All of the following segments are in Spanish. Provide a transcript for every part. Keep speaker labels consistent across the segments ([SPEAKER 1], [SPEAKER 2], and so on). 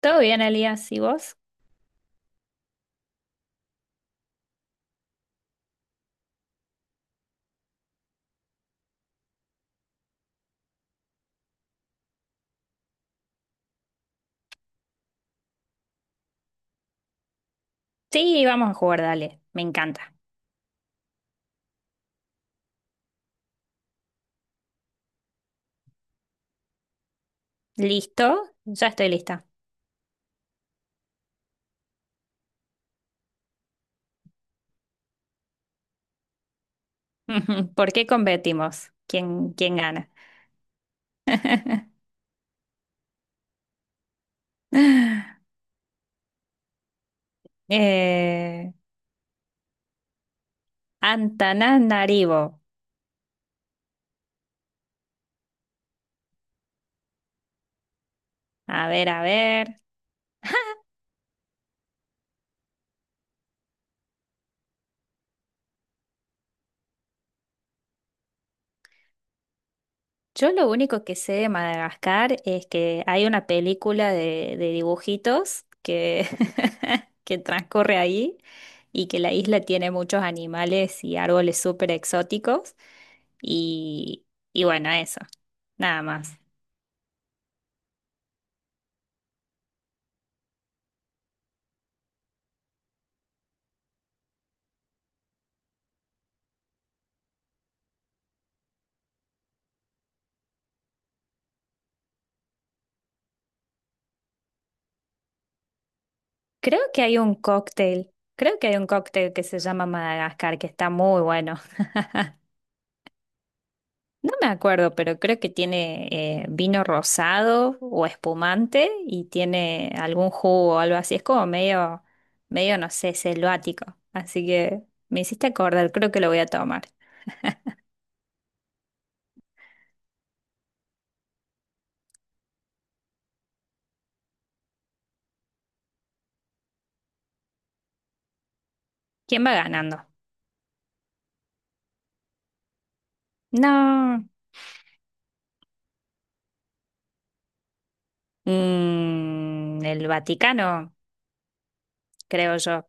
[SPEAKER 1] ¿Todo bien, Elías? ¿Y vos? Sí, vamos a jugar, dale. Me encanta. ¿Listo? Ya estoy lista. ¿Por qué competimos? ¿¿Quién gana? eh, Antananarivo. A ver, a ver. Yo lo único que sé de Madagascar es que hay una película de dibujitos que, que transcurre ahí y que la isla tiene muchos animales y árboles súper exóticos. Y, y bueno, eso. Nada más. Creo que hay un cóctel, creo que hay un cóctel que se llama Madagascar, que está muy bueno. No me acuerdo, pero creo que tiene vino rosado o espumante y tiene algún jugo o algo así. Es como medio, medio, no sé, selvático. Así que me hiciste acordar, creo que lo voy a tomar. ¿Quién va ganando? No, el Vaticano, creo yo.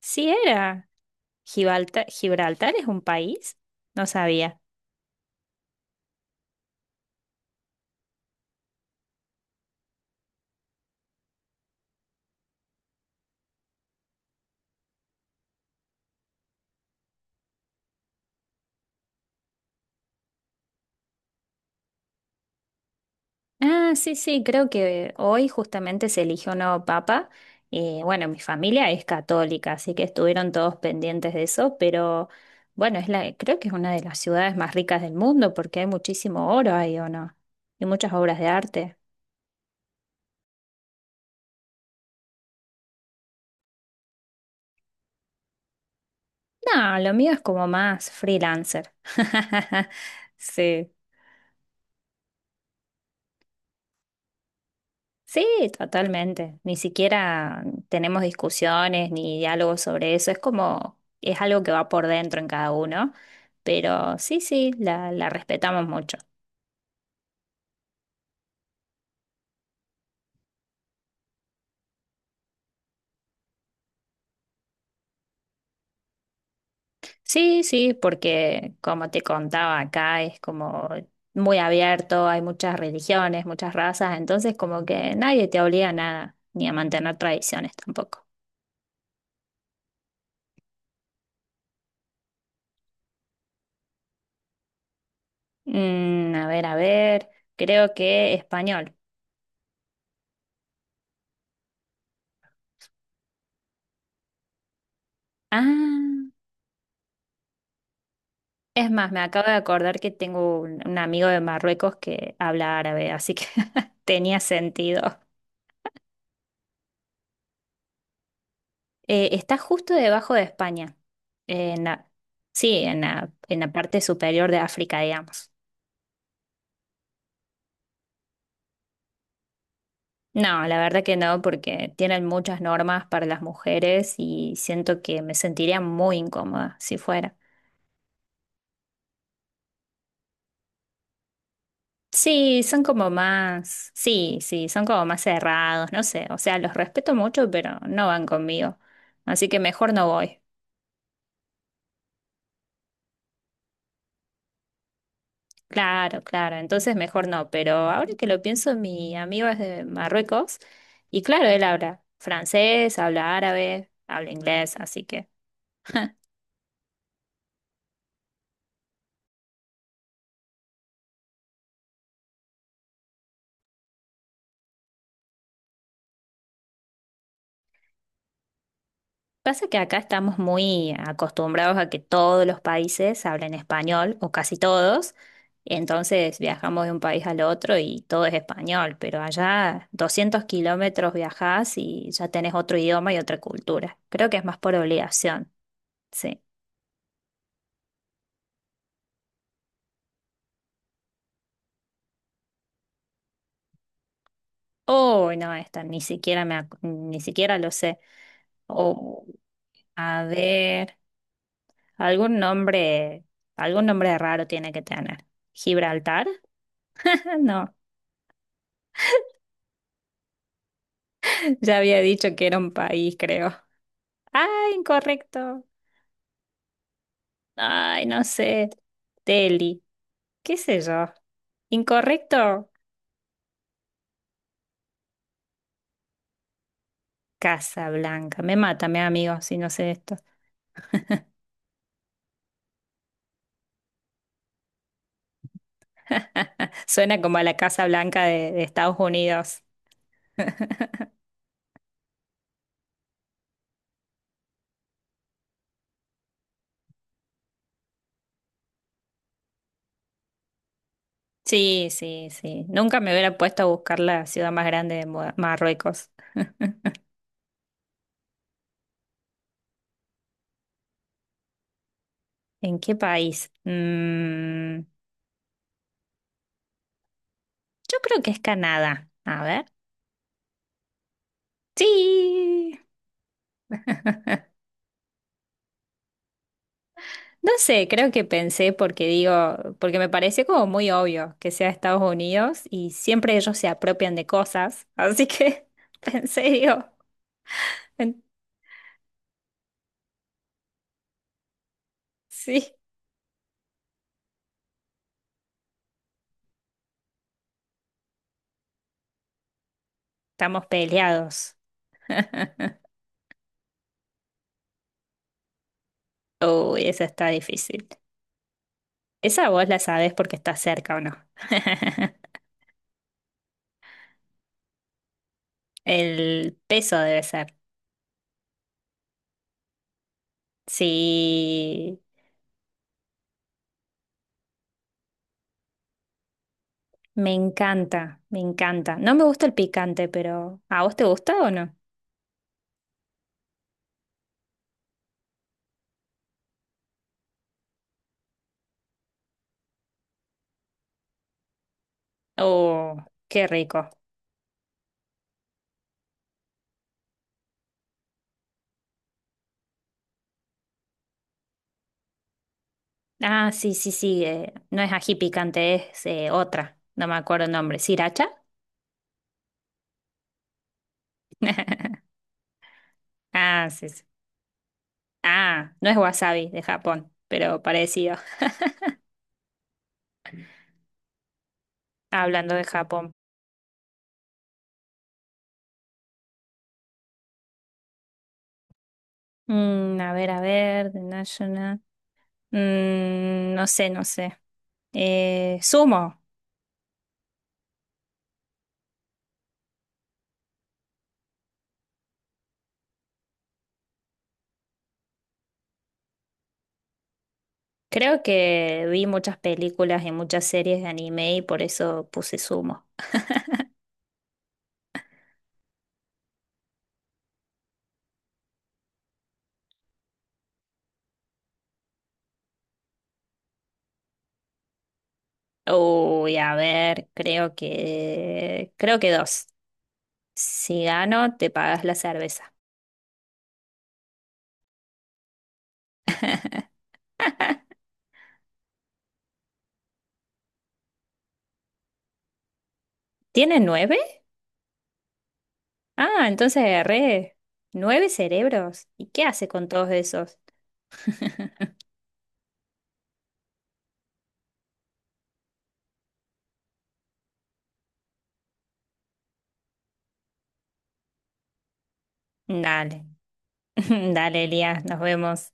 [SPEAKER 1] Sí era. Gibraltar, Gibraltar es un país, no sabía. Ah, sí, sí, creo que hoy justamente se eligió un nuevo papa. Bueno, mi familia es católica, así que estuvieron todos pendientes de eso, pero bueno, creo que es una de las ciudades más ricas del mundo porque hay muchísimo oro ahí, ¿o no? Y muchas obras de arte. No, lo mío es como más freelancer. Sí. Sí, totalmente. Ni siquiera tenemos discusiones ni diálogos sobre eso. Es algo que va por dentro en cada uno. Pero sí, sí, la respetamos mucho. Sí, sí, porque como te contaba acá, es como muy abierto, hay muchas religiones, muchas razas, entonces como que nadie te obliga a nada, ni a mantener tradiciones tampoco. A ver, a ver, creo que español. Ah. Es más, me acabo de acordar que tengo un amigo de Marruecos que habla árabe, así que tenía sentido. Está justo debajo de España, en la, sí, en la parte superior de África, digamos. No, la verdad que no, porque tienen muchas normas para las mujeres y siento que me sentiría muy incómoda si fuera. Sí, sí, sí, son como más cerrados, no sé, o sea, los respeto mucho, pero no van conmigo, así que mejor no voy. Claro, claro, entonces mejor no, pero ahora que lo pienso, mi amigo es de Marruecos y claro, él habla francés, habla árabe, habla inglés, así que pasa que acá estamos muy acostumbrados a que todos los países hablen español o casi todos, entonces viajamos de un país al otro y todo es español, pero allá 200 kilómetros viajás y ya tenés otro idioma y otra cultura. Creo que es más por obligación, sí. Oh, no, esta ni siquiera ni siquiera lo sé. O, a ver, algún nombre, algún nombre raro tiene que tener. ¿Gibraltar? No, ya había dicho que era un país, creo. Ah, incorrecto. Ay, no sé. Delhi, qué sé yo. Incorrecto. Casa Blanca. Me mata, mi amigo, si no sé esto. Suena como a la Casa Blanca de Estados Unidos. Sí, sí, sí. Nunca me hubiera puesto a buscar la ciudad más grande de Marruecos. ¿En qué país? Yo creo que es Canadá. A ver. Sí. No sé, creo que pensé porque digo, porque me parece como muy obvio que sea Estados Unidos y siempre ellos se apropian de cosas. Así que pensé, digo, en- sí, estamos peleados. Uy, esa está difícil. Esa vos la sabés porque está cerca o no. El peso debe ser. Sí, me encanta, me encanta. No me gusta el picante, pero ¿a vos te gusta o no? Oh, qué rico. Ah, sí, sí, sí. No es ají picante, es otra. No me acuerdo el nombre. ¿Sriracha? Ah, sí, sí. Ah, no es wasabi de Japón, pero parecido. Hablando de Japón. A ver, a ver, The National. No sé, no sé. Sumo. Creo que vi muchas películas y muchas series de anime y por eso puse sumo. Uy, a ver, creo que dos. Si gano, te pagas la cerveza. ¿Tiene nueve? Ah, entonces agarré nueve cerebros. ¿Y qué hace con todos esos? Dale, dale, Elías, nos vemos.